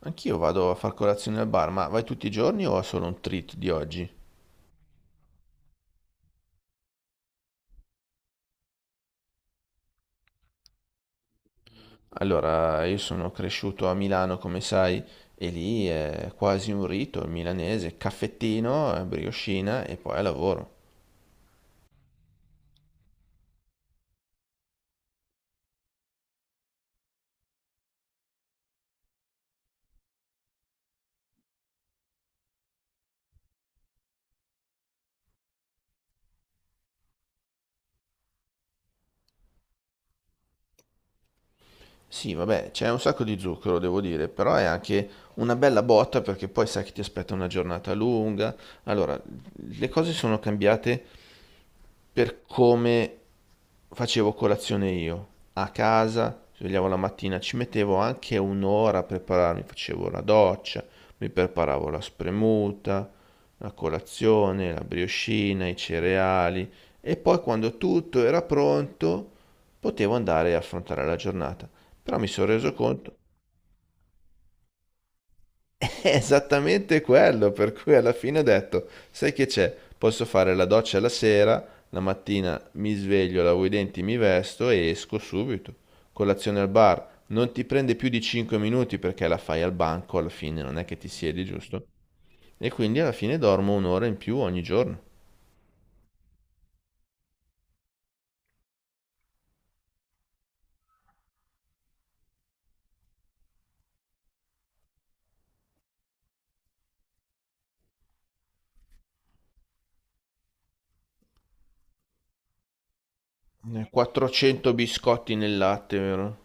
Anch'io vado a far colazione al bar, ma vai tutti i giorni o è solo un treat di oggi? Allora, io sono cresciuto a Milano, come sai, e lì è quasi un rito il milanese, caffettino, briochina e poi al lavoro. Sì, vabbè, c'è un sacco di zucchero, devo dire, però è anche una bella botta perché poi sai che ti aspetta una giornata lunga. Allora, le cose sono cambiate per come facevo colazione io. A casa, svegliavo la mattina, ci mettevo anche un'ora a prepararmi, facevo la doccia, mi preparavo la spremuta, la colazione, la briochina, i cereali e poi quando tutto era pronto potevo andare a affrontare la giornata. Però mi sono reso conto, è esattamente quello, per cui alla fine ho detto, sai che c'è? Posso fare la doccia la sera, la mattina mi sveglio, lavo i denti, mi vesto e esco subito. Colazione al bar, non ti prende più di 5 minuti perché la fai al banco, alla fine non è che ti siedi, giusto? E quindi alla fine dormo un'ora in più ogni giorno. 400 biscotti nel latte, vero?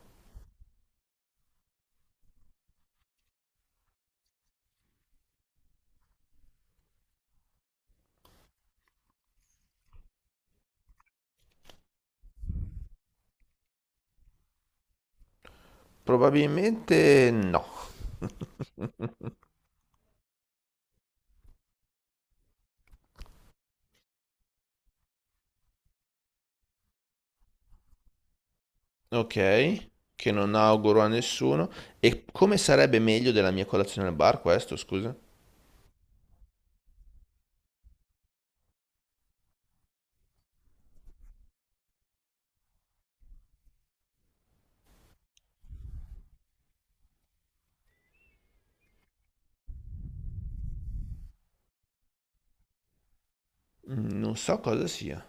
Probabilmente no. Ok, che non auguro a nessuno. E come sarebbe meglio della mia colazione al bar questo, scusa? Mm, non so cosa sia.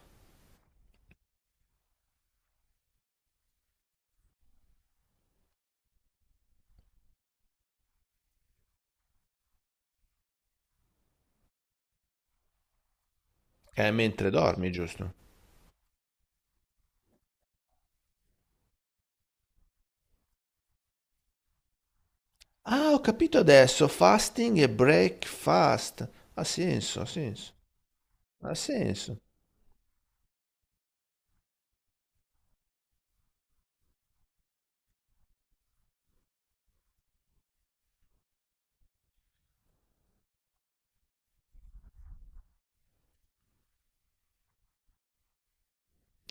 È mentre dormi, giusto? Ah, ho capito adesso. Fasting e breakfast. Ha senso, ha senso. Ha senso.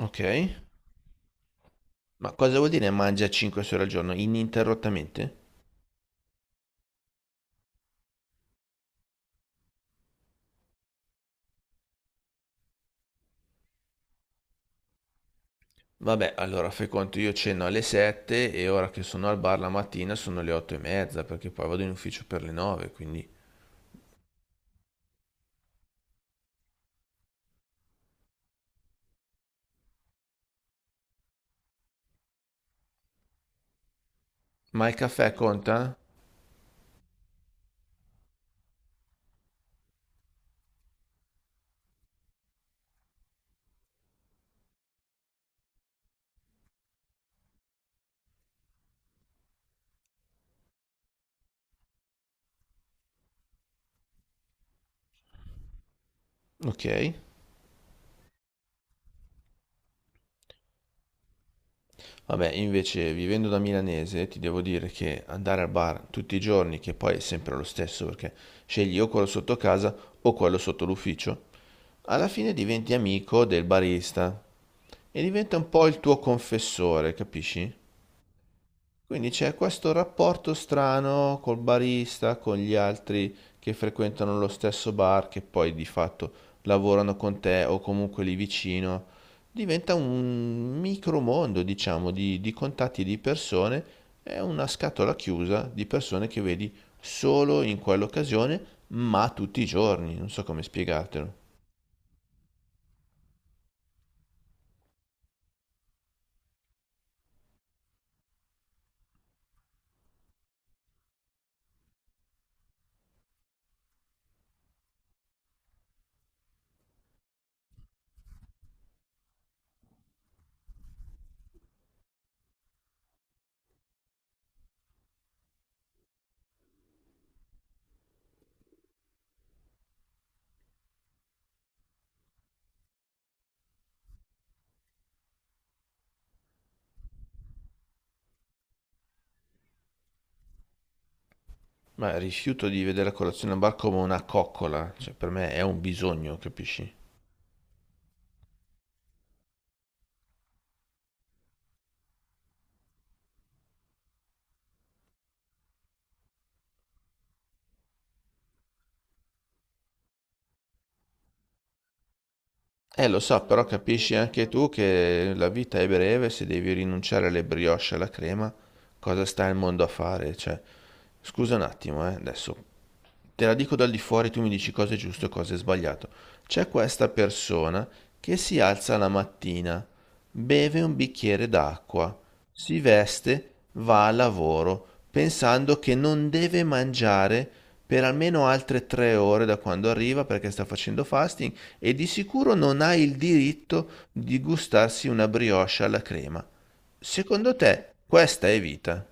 Ok. Ma cosa vuol dire mangia 5 ore al giorno ininterrottamente? Vabbè, allora fai conto, io ceno alle 7 e ora che sono al bar la mattina sono le 8 e mezza perché poi vado in ufficio per le 9, quindi... Ma il caffè conta? Ok. Vabbè, invece vivendo da milanese ti devo dire che andare al bar tutti i giorni, che poi è sempre lo stesso perché scegli o quello sotto casa o quello sotto l'ufficio, alla fine diventi amico del barista e diventa un po' il tuo confessore, capisci? Quindi c'è questo rapporto strano col barista, con gli altri che frequentano lo stesso bar, che poi di fatto lavorano con te o comunque lì vicino. Diventa un micromondo, diciamo, di contatti di persone, è una scatola chiusa di persone che vedi solo in quell'occasione, ma tutti i giorni, non so come spiegartelo. Ma rifiuto di vedere la colazione al bar come una coccola, cioè per me è un bisogno, capisci? Lo so, però capisci anche tu che la vita è breve, se devi rinunciare alle brioche e alla crema, cosa sta il mondo a fare? Cioè, scusa un attimo, adesso te la dico dal di fuori, tu mi dici cosa è giusto e cosa è sbagliato. C'è questa persona che si alza la mattina, beve un bicchiere d'acqua, si veste, va al lavoro, pensando che non deve mangiare per almeno altre 3 ore da quando arriva perché sta facendo fasting e di sicuro non ha il diritto di gustarsi una brioche alla crema. Secondo te, questa è vita?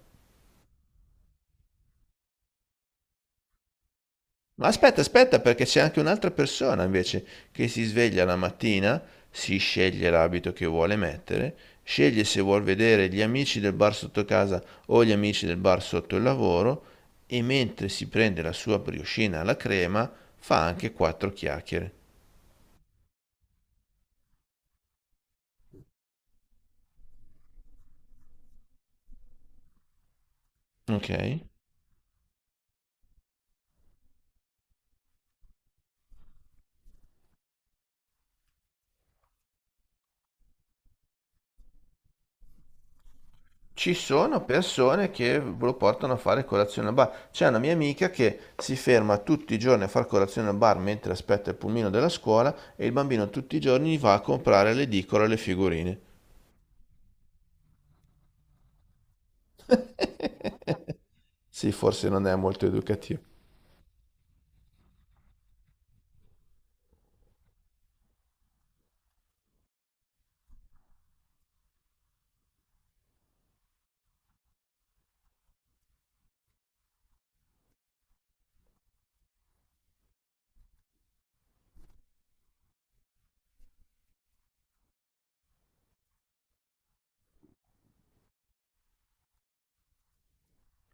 Ma aspetta, aspetta, perché c'è anche un'altra persona invece che si sveglia la mattina, si sceglie l'abito che vuole mettere, sceglie se vuol vedere gli amici del bar sotto casa o gli amici del bar sotto il lavoro e mentre si prende la sua brioscina alla crema fa anche quattro chiacchiere. Ok? Ci sono persone che lo portano a fare colazione al bar. C'è una mia amica che si ferma tutti i giorni a fare colazione al bar mentre aspetta il pulmino della scuola e il bambino tutti i giorni va a comprare l'edicola e le figurine. Sì, forse non è molto educativo.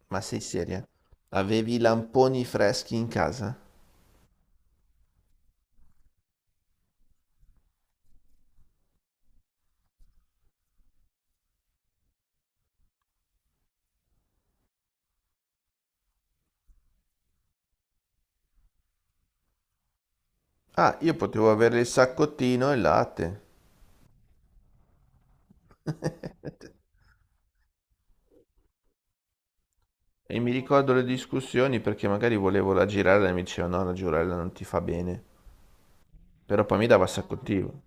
Ma sei seria? Avevi i lamponi freschi in casa? Ah, io potevo avere il saccottino e il latte. E mi ricordo le discussioni perché magari volevo raggirare e mi diceva no, la giurella non ti fa bene. Però poi mi dava un sacco di tiro.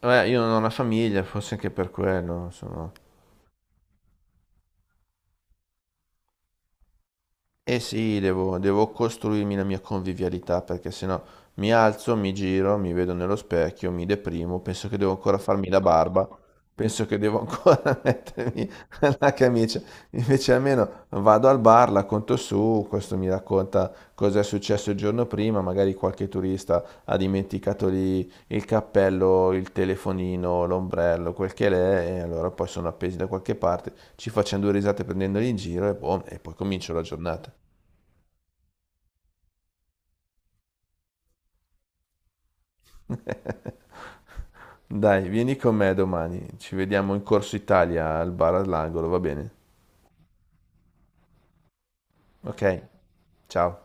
Vabbè, io non ho una famiglia, forse anche per quello, insomma. Eh sì, devo costruirmi la mia convivialità perché sennò mi alzo, mi giro, mi vedo nello specchio, mi deprimo, penso che devo ancora farmi la barba, penso che devo ancora mettermi la camicia. Invece almeno vado al bar, la conto su, questo mi racconta cosa è successo il giorno prima, magari qualche turista ha dimenticato lì il cappello, il telefonino, l'ombrello, quel che l'è, e allora poi sono appesi da qualche parte, ci facciamo due risate prendendoli in giro e boh, e poi comincio la giornata. Dai, vieni con me domani. Ci vediamo in Corso Italia al bar all'angolo, va bene? Ok, ciao.